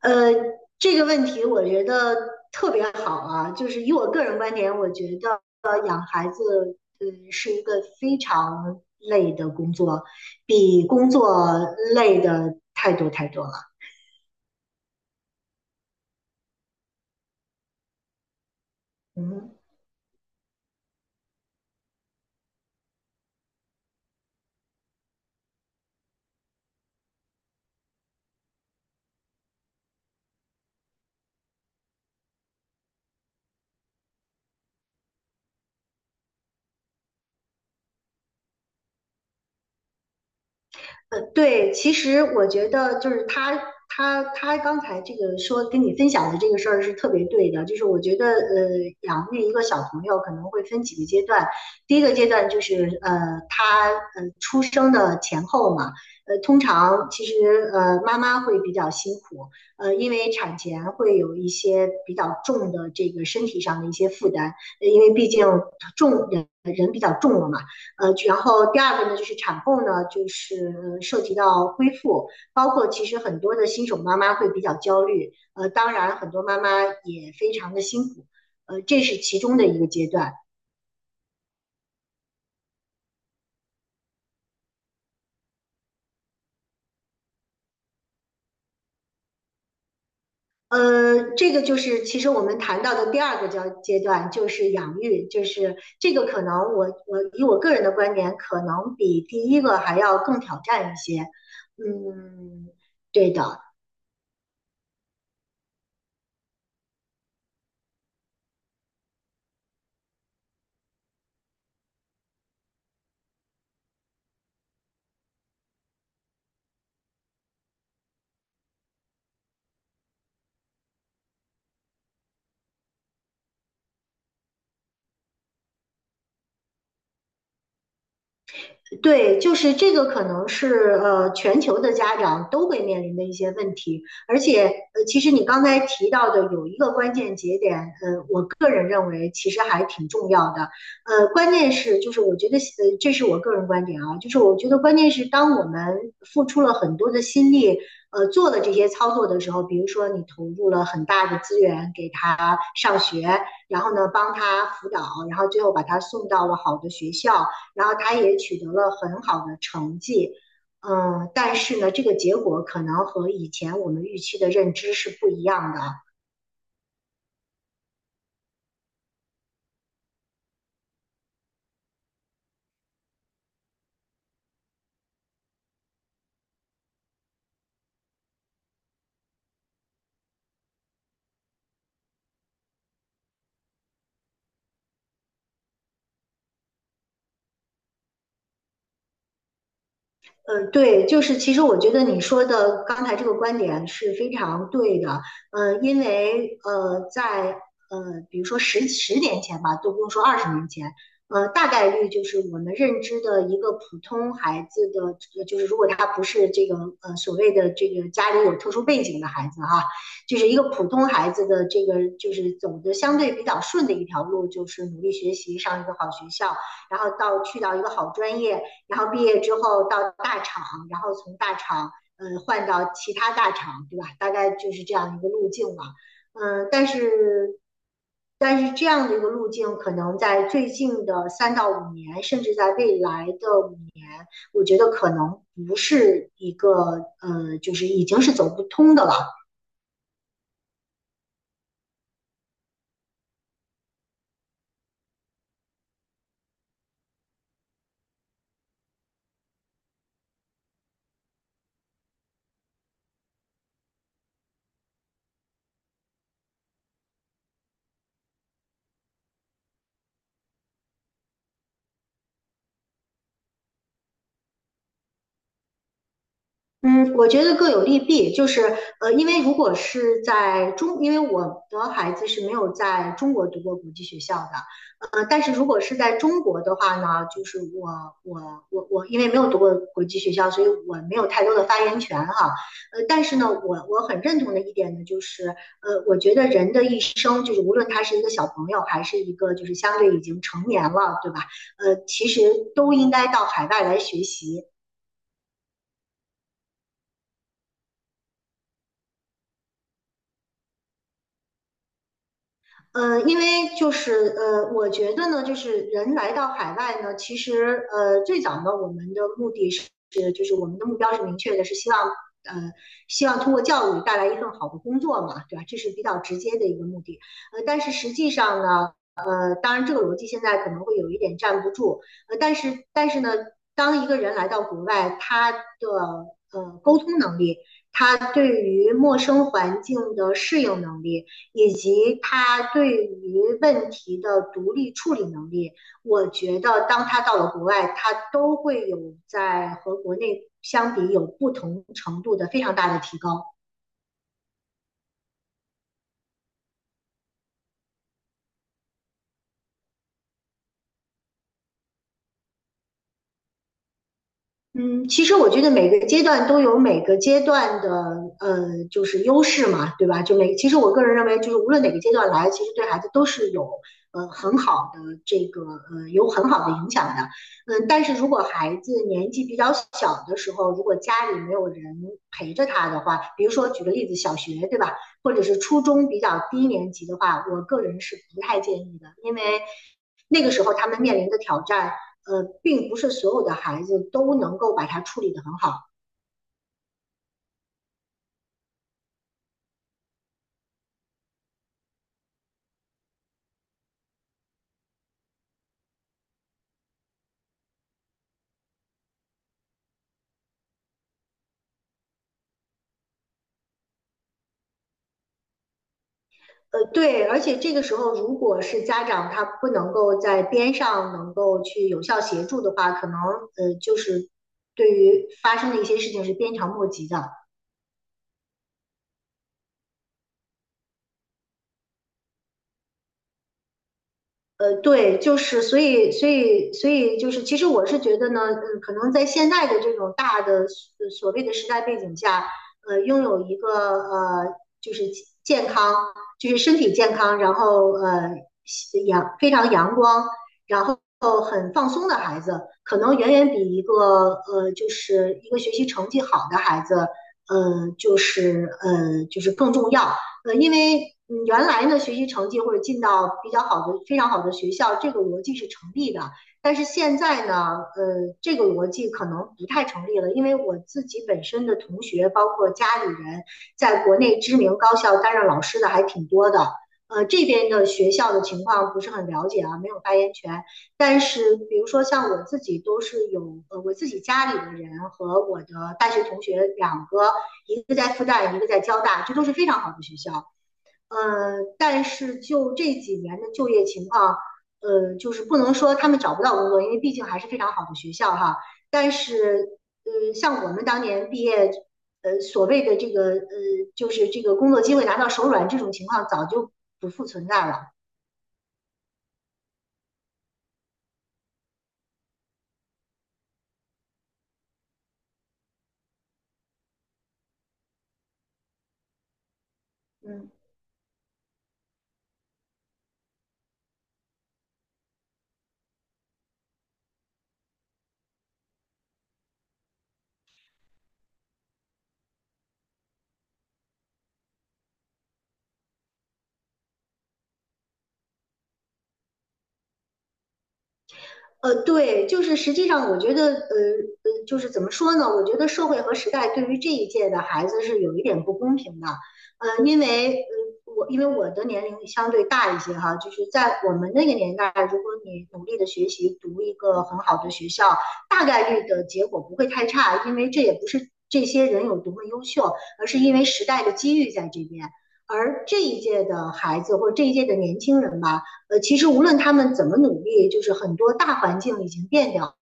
呃，这个问题我觉得特别好啊，就是以我个人观点，我觉得养孩子，是一个非常累的工作，比工作累的太多太多了。嗯。对，其实我觉得就是他他他刚才这个说跟你分享的这个事儿是特别对的，就是我觉得养育一个小朋友可能会分几个阶段，第一个阶段就是他出生的前后嘛，通常其实妈妈会比较辛苦，因为产前会有一些比较重的这个身体上的一些负担，因为毕竟重人比较重了嘛。然后第二个呢，就是产后呢，就是涉及到恢复，包括其实很多的新手妈妈会比较焦虑，当然很多妈妈也非常的辛苦，这是其中的一个阶段。这个就是其实我们谈到的第二个段，就是养育，就是这个可能我以我个人的观点，可能比第一个还要更挑战一些。嗯，对的。对，就是这个可能是全球的家长都会面临的一些问题，而且其实你刚才提到的有一个关键节点，我个人认为其实还挺重要的，关键是就是我觉得这是我个人观点啊，就是我觉得关键是当我们付出了很多的心力。做了这些操作的时候，比如说你投入了很大的资源给他上学，然后呢帮他辅导，然后最后把他送到了好的学校，然后他也取得了很好的成绩，嗯，但是呢，这个结果可能和以前我们预期的认知是不一样的。对，就是其实我觉得你说的刚才这个观点是非常对的，呃，因为呃，在呃，比如说十年前吧，都不用说二十年前，大概率就是我们认知的一个普通孩子的，就是如果他不是这个所谓的这个家里有特殊背景的孩子哈，啊就是一个普通孩子的这个就是走的相对比较顺的一条路，就是努力学习，上一个好学校，然后到去到一个好专业。然后毕业之后到大厂，然后从大厂换到其他大厂，对吧？大概就是这样一个路径嘛。嗯、呃，但是但是这样的一个路径，可能在最近的三到五年，甚至在未来的五年，我觉得可能不是一个就是已经是走不通的了。嗯，我觉得各有利弊，就是因为如果是在中，因为我的孩子是没有在中国读过国际学校的，但是如果是在中国的话呢，就是我，因为没有读过国际学校，所以我没有太多的发言权哈，但是呢，我很认同的一点呢，就是我觉得人的一生，就是无论他是一个小朋友，还是一个就是相对已经成年了，对吧？其实都应该到海外来学习。因为就是我觉得呢，就是人来到海外呢，其实最早呢，我们的目的是，就是我们的目标是明确的，是希望呃，希望通过教育带来一份好的工作嘛，对吧？这是比较直接的一个目的。但是实际上呢，当然这个逻辑现在可能会有一点站不住，但是呢，当一个人来到国外，他的沟通能力，他对于陌生环境的适应能力，以及他对于问题的独立处理能力，我觉得当他到了国外，他都会有在和国内相比有不同程度的非常大的提高。嗯，其实我觉得每个阶段都有每个阶段的就是优势嘛，对吧？就每其实我个人认为，就是无论哪个阶段来，其实对孩子都是有很好的这个有很好的影响的。嗯，但是如果孩子年纪比较小的时候，如果家里没有人陪着他的话，比如说举个例子，小学对吧，或者是初中比较低年级的话，我个人是不太建议的，因为那个时候他们面临的挑战。并不是所有的孩子都能够把它处理得很好。对，而且这个时候，如果是家长他不能够在边上能够去有效协助的话，可能就是对于发生的一些事情是鞭长莫及的。对，就是所以就是，其实我是觉得呢，嗯，可能在现在的这种大的所谓的时代背景下，拥有一个呃，就是健康，就是身体健康，然后非常阳光，然后很放松的孩子，可能远远比一个就是一个学习成绩好的孩子，就是更重要。因为嗯原来呢学习成绩或者进到比较好的、非常好的学校，这个逻辑是成立的。但是现在呢，这个逻辑可能不太成立了，因为我自己本身的同学，包括家里人，在国内知名高校担任老师的还挺多的。这边的学校的情况不是很了解啊，没有发言权。但是，比如说像我自己都是有，我自己家里的人和我的大学同学两个，一个在复旦，一个在交大，这都是非常好的学校。但是就这几年的就业情况，就是不能说他们找不到工作，因为毕竟还是非常好的学校哈。但是，像我们当年毕业，所谓的这个，就是这个工作机会拿到手软这种情况，早就不复存在了。嗯。对，就是实际上，我觉得，就是怎么说呢？我觉得社会和时代对于这一届的孩子是有一点不公平的，因为，因为我的年龄相对大一些哈，就是在我们那个年代，如果你努力的学习，读一个很好的学校，大概率的结果不会太差，因为这也不是这些人有多么优秀，而是因为时代的机遇在这边。而这一届的孩子或这一届的年轻人吧，其实无论他们怎么努力，就是很多大环境已经变掉，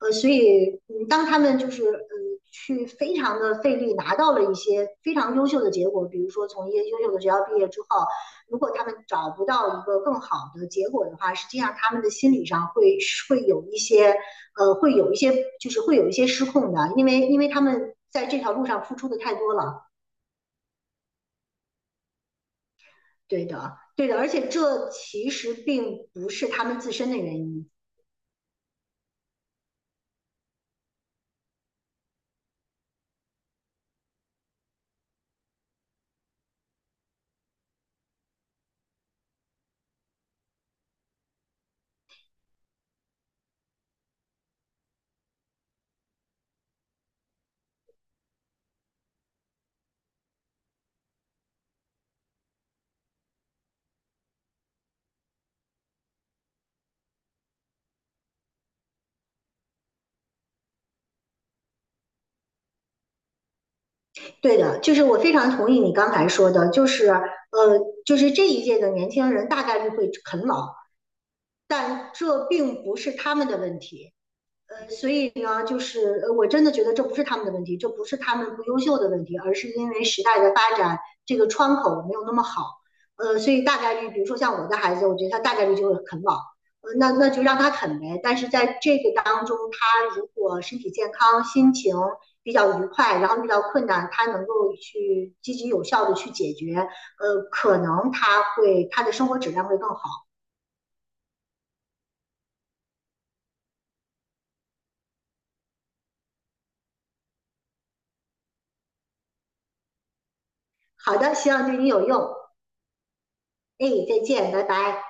所以嗯，当他们就是去非常的费力拿到了一些非常优秀的结果，比如说从一些优秀的学校毕业之后，如果他们找不到一个更好的结果的话，实际上他们的心理上会有一些呃会有一些就是会有一些失控的，因为他们在这条路上付出的太多了，对的，对的，而且这其实并不是他们自身的原因。对的，就是我非常同意你刚才说的，就是就是这一届的年轻人大概率会啃老，但这并不是他们的问题，所以呢，就是我真的觉得这不是他们的问题，这不是他们不优秀的问题，而是因为时代的发展，这个窗口没有那么好。所以大概率，比如说像我的孩子，我觉得他大概率就会啃老，那就让他啃呗。但是在这个当中，他如果身体健康、心情比较愉快，然后遇到困难，他能够去积极有效的去解决，可能他的生活质量会更好。好的，希望对你有用。哎，再见，拜拜。